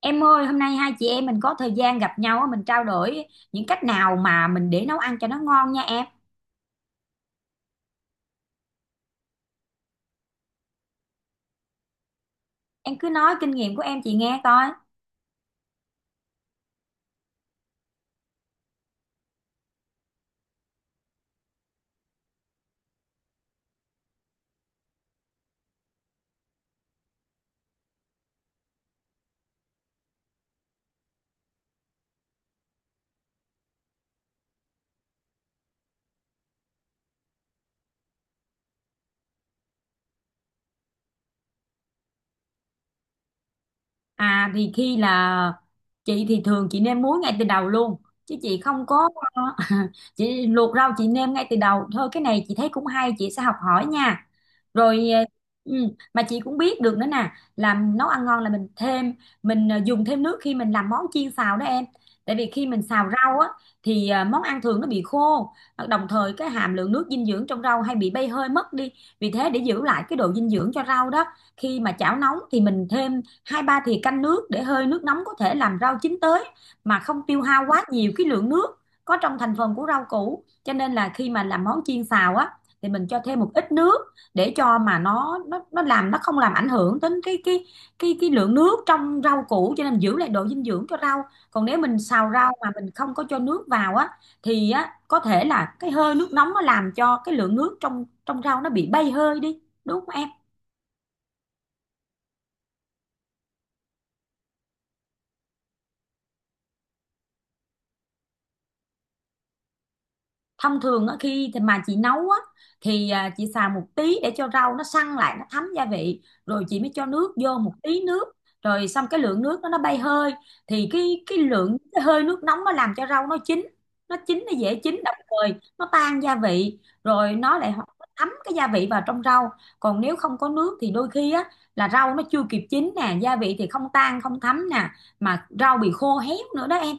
Em ơi, hôm nay hai chị em mình có thời gian gặp nhau á, mình trao đổi những cách nào mà mình để nấu ăn cho nó ngon nha em. Em cứ nói kinh nghiệm của em chị nghe coi. À thì khi là chị thì thường chị nêm muối ngay từ đầu luôn, chứ chị không có chị luộc rau chị nêm ngay từ đầu thôi. Cái này chị thấy cũng hay, chị sẽ học hỏi nha. rồi ờ, ừ, mà chị cũng biết được nữa nè, làm nấu ăn ngon là mình thêm, dùng thêm nước khi mình làm món chiên xào đó em. Tại vì khi mình xào rau á thì món ăn thường nó bị khô, đồng thời cái hàm lượng nước dinh dưỡng trong rau hay bị bay hơi mất đi. Vì thế để giữ lại cái độ dinh dưỡng cho rau đó, khi mà chảo nóng thì mình thêm hai ba thì canh nước để hơi nước nóng có thể làm rau chín tới mà không tiêu hao quá nhiều cái lượng nước có trong thành phần của rau củ. Cho nên là khi mà làm món chiên xào á thì mình cho thêm một ít nước để cho mà nó làm, nó không làm ảnh hưởng đến cái lượng nước trong rau củ, cho nên giữ lại độ dinh dưỡng cho rau. Còn nếu mình xào rau mà mình không có cho nước vào á thì á có thể là cái hơi nước nóng nó làm cho cái lượng nước trong trong rau nó bị bay hơi đi, đúng không em? Thông thường á, khi thì mà chị nấu á, thì chị xào một tí để cho rau nó săn lại, nó thấm gia vị, rồi chị mới cho nước vô, một tí nước, rồi xong cái lượng nước đó nó bay hơi, thì cái lượng hơi nước nóng nó làm cho rau nó chín, nó dễ chín, đồng thời nó tan gia vị, rồi nó lại thấm cái gia vị vào trong rau. Còn nếu không có nước thì đôi khi á là rau nó chưa kịp chín nè, gia vị thì không tan không thấm nè, mà rau bị khô héo nữa đó em.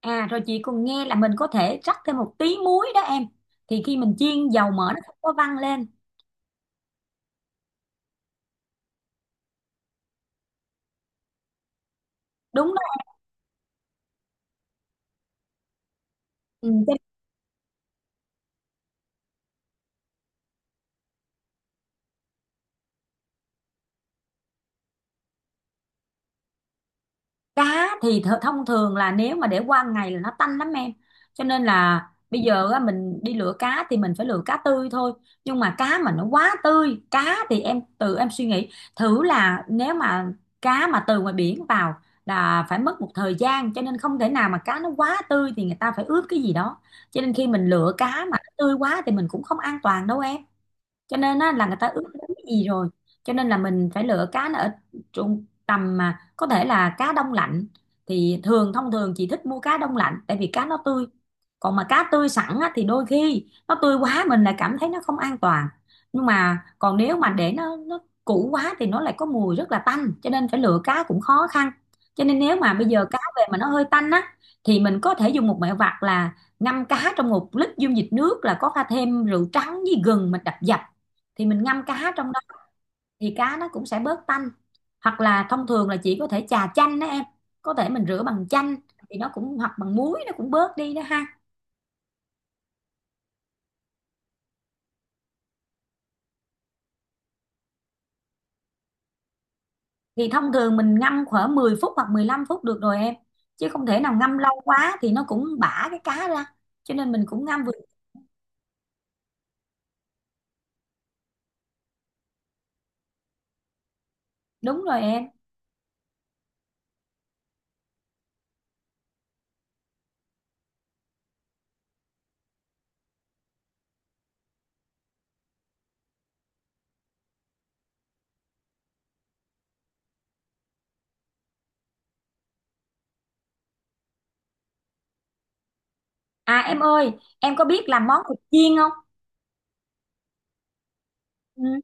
À rồi chị còn nghe là mình có thể rắc thêm một tí muối đó em. Thì khi mình chiên, dầu mỡ nó không có văng lên. Đúng đó. Ừ, cho cá thì thông thường là nếu mà để qua ngày là nó tanh lắm em, cho nên là bây giờ á, mình đi lựa cá thì mình phải lựa cá tươi thôi. Nhưng mà cá mà nó quá tươi, cá thì em tự em suy nghĩ thử là nếu mà cá mà từ ngoài biển vào là phải mất một thời gian, cho nên không thể nào mà cá nó quá tươi, thì người ta phải ướp cái gì đó. Cho nên khi mình lựa cá mà nó tươi quá thì mình cũng không an toàn đâu em, cho nên á, là người ta ướp đến cái gì rồi. Cho nên là mình phải lựa cá nó ở trung tầm, mà có thể là cá đông lạnh. Thì thông thường chị thích mua cá đông lạnh, tại vì cá nó tươi. Còn mà cá tươi sẵn á, thì đôi khi nó tươi quá mình lại cảm thấy nó không an toàn. Nhưng mà còn nếu mà để nó cũ quá thì nó lại có mùi rất là tanh, cho nên phải lựa cá cũng khó khăn. Cho nên nếu mà bây giờ cá về mà nó hơi tanh á thì mình có thể dùng một mẹo vặt là ngâm cá trong một lít dung dịch nước, là có pha thêm rượu trắng với gừng mình đập dập, thì mình ngâm cá trong đó thì cá nó cũng sẽ bớt tanh. Hoặc là thông thường là chỉ có thể chà chanh đó em, có thể mình rửa bằng chanh thì nó cũng, hoặc bằng muối nó cũng bớt đi đó ha. Thì thông thường mình ngâm khoảng 10 phút hoặc 15 phút được rồi em, chứ không thể nào ngâm lâu quá thì nó cũng bã cái cá ra, cho nên mình cũng ngâm vừa. Đúng rồi em. À em ơi, em có biết làm món thịt chiên không? Ừ.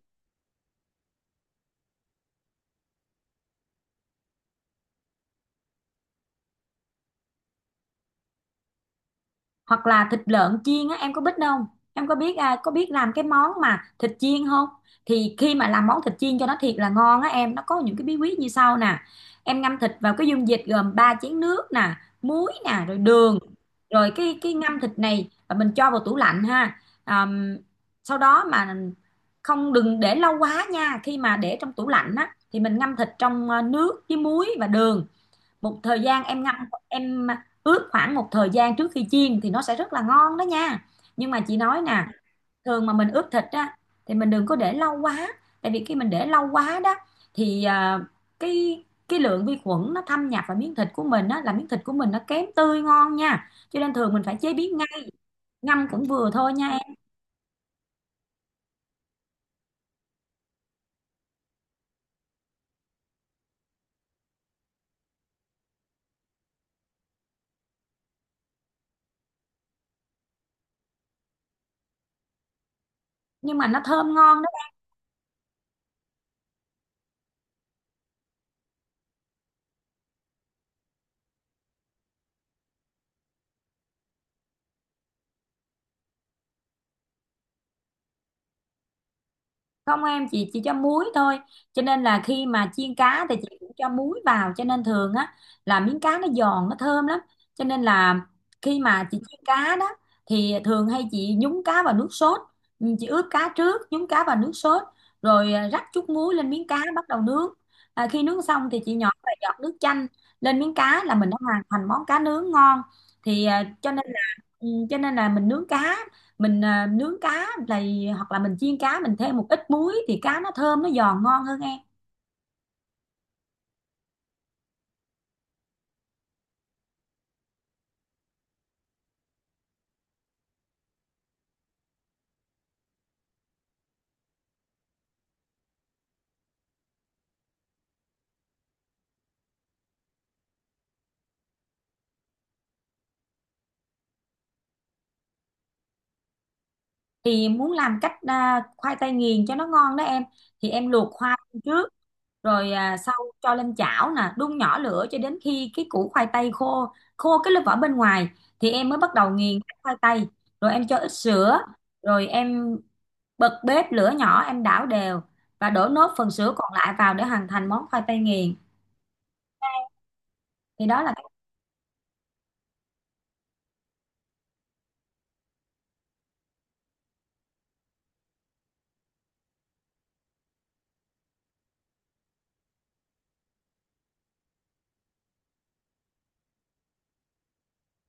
Hoặc là thịt lợn chiên á, em có biết không? Em có biết có biết làm cái món mà thịt chiên không? Thì khi mà làm món thịt chiên cho nó thiệt là ngon á em, nó có những cái bí quyết như sau nè. Em ngâm thịt vào cái dung dịch gồm 3 chén nước nè, muối nè, rồi đường, rồi cái ngâm thịt này, và mình cho vào tủ lạnh ha. Àm, Sau đó mà không, đừng để lâu quá nha, khi mà để trong tủ lạnh á thì mình ngâm thịt trong nước với muối và đường một thời gian. Em ngâm, em ướp khoảng một thời gian trước khi chiên thì nó sẽ rất là ngon đó nha. Nhưng mà chị nói nè, thường mà mình ướp thịt á thì mình đừng có để lâu quá, tại vì khi mình để lâu quá đó thì cái cái lượng vi khuẩn nó thâm nhập vào miếng thịt của mình á, là miếng thịt của mình nó kém tươi ngon nha, cho nên thường mình phải chế biến ngay. Ngâm cũng vừa thôi nha em. Nhưng mà nó thơm ngon. Không em, chị chỉ cho muối thôi, cho nên là khi mà chiên cá thì chị cũng cho muối vào, cho nên thường á là miếng cá nó giòn nó thơm lắm. Cho nên là khi mà chị chiên cá đó thì thường hay chị nhúng cá vào nước sốt. Ừ, chị ướp cá trước, nhúng cá vào nước sốt, rồi rắc chút muối lên miếng cá bắt đầu nướng. À, khi nướng xong thì chị nhỏ vài giọt nước chanh lên miếng cá là mình đã hoàn thành món cá nướng ngon. Thì cho nên là mình nướng cá, mình à, nướng cá là hoặc là mình chiên cá, mình thêm một ít muối thì cá nó thơm nó giòn ngon hơn em. Thì muốn làm cách, khoai tây nghiền cho nó ngon đó em, thì em luộc khoai trước, rồi à, sau cho lên chảo nè, đun nhỏ lửa cho đến khi cái củ khoai tây khô khô cái lớp vỏ bên ngoài, thì em mới bắt đầu nghiền cái khoai tây, rồi em cho ít sữa, rồi em bật bếp lửa nhỏ, em đảo đều và đổ nốt phần sữa còn lại vào để hoàn thành món khoai tây nghiền. Thì đó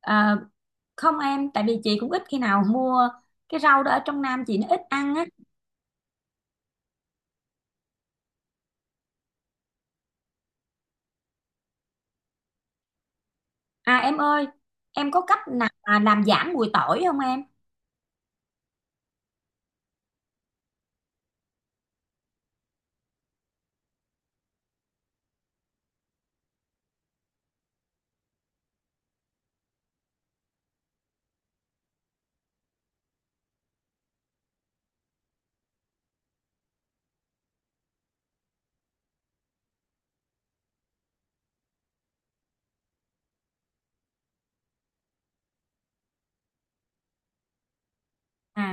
là, không em, tại vì chị cũng ít khi nào mua cái rau đó, ở trong Nam chị nó ít ăn á. À em ơi, em có cách nào mà làm giảm mùi tỏi không em? À,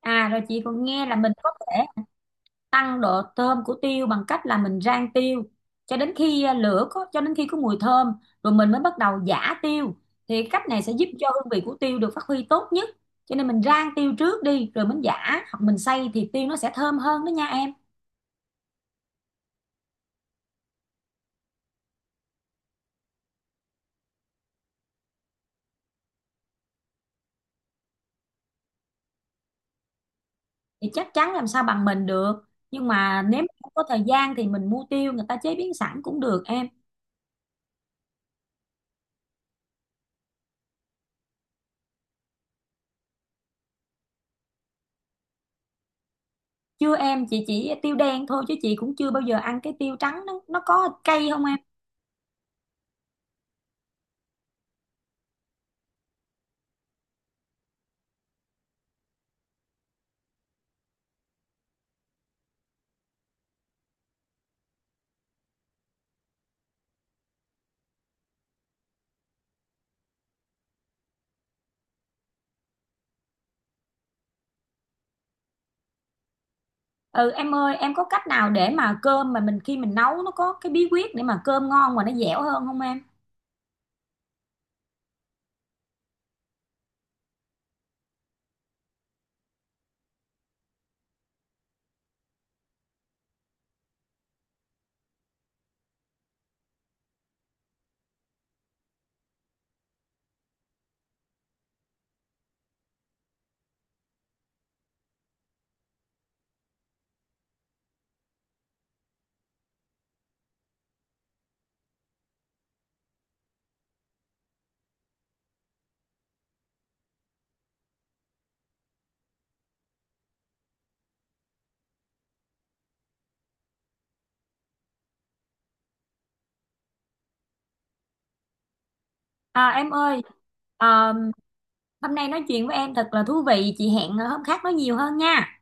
à rồi chị còn nghe là mình có thể tăng độ thơm của tiêu bằng cách là mình rang tiêu cho đến khi à, lửa có cho đến khi có mùi thơm, rồi mình mới bắt đầu giã tiêu, thì cách này sẽ giúp cho hương vị của tiêu được phát huy tốt nhất. Cho nên mình rang tiêu trước đi rồi mình giã, hoặc mình xay, thì tiêu nó sẽ thơm hơn đó nha em. Thì chắc chắn làm sao bằng mình được, nhưng mà nếu mà không có thời gian thì mình mua tiêu người ta chế biến sẵn cũng được em. Chưa em, chị chỉ tiêu đen thôi, chứ chị cũng chưa bao giờ ăn cái tiêu trắng, nó có cay không em? Ừ em ơi, em có cách nào để mà cơm mà mình khi mình nấu, nó có cái bí quyết để mà cơm ngon mà nó dẻo hơn không em? À em ơi, à, hôm nay nói chuyện với em thật là thú vị, chị hẹn hôm khác nói nhiều hơn nha.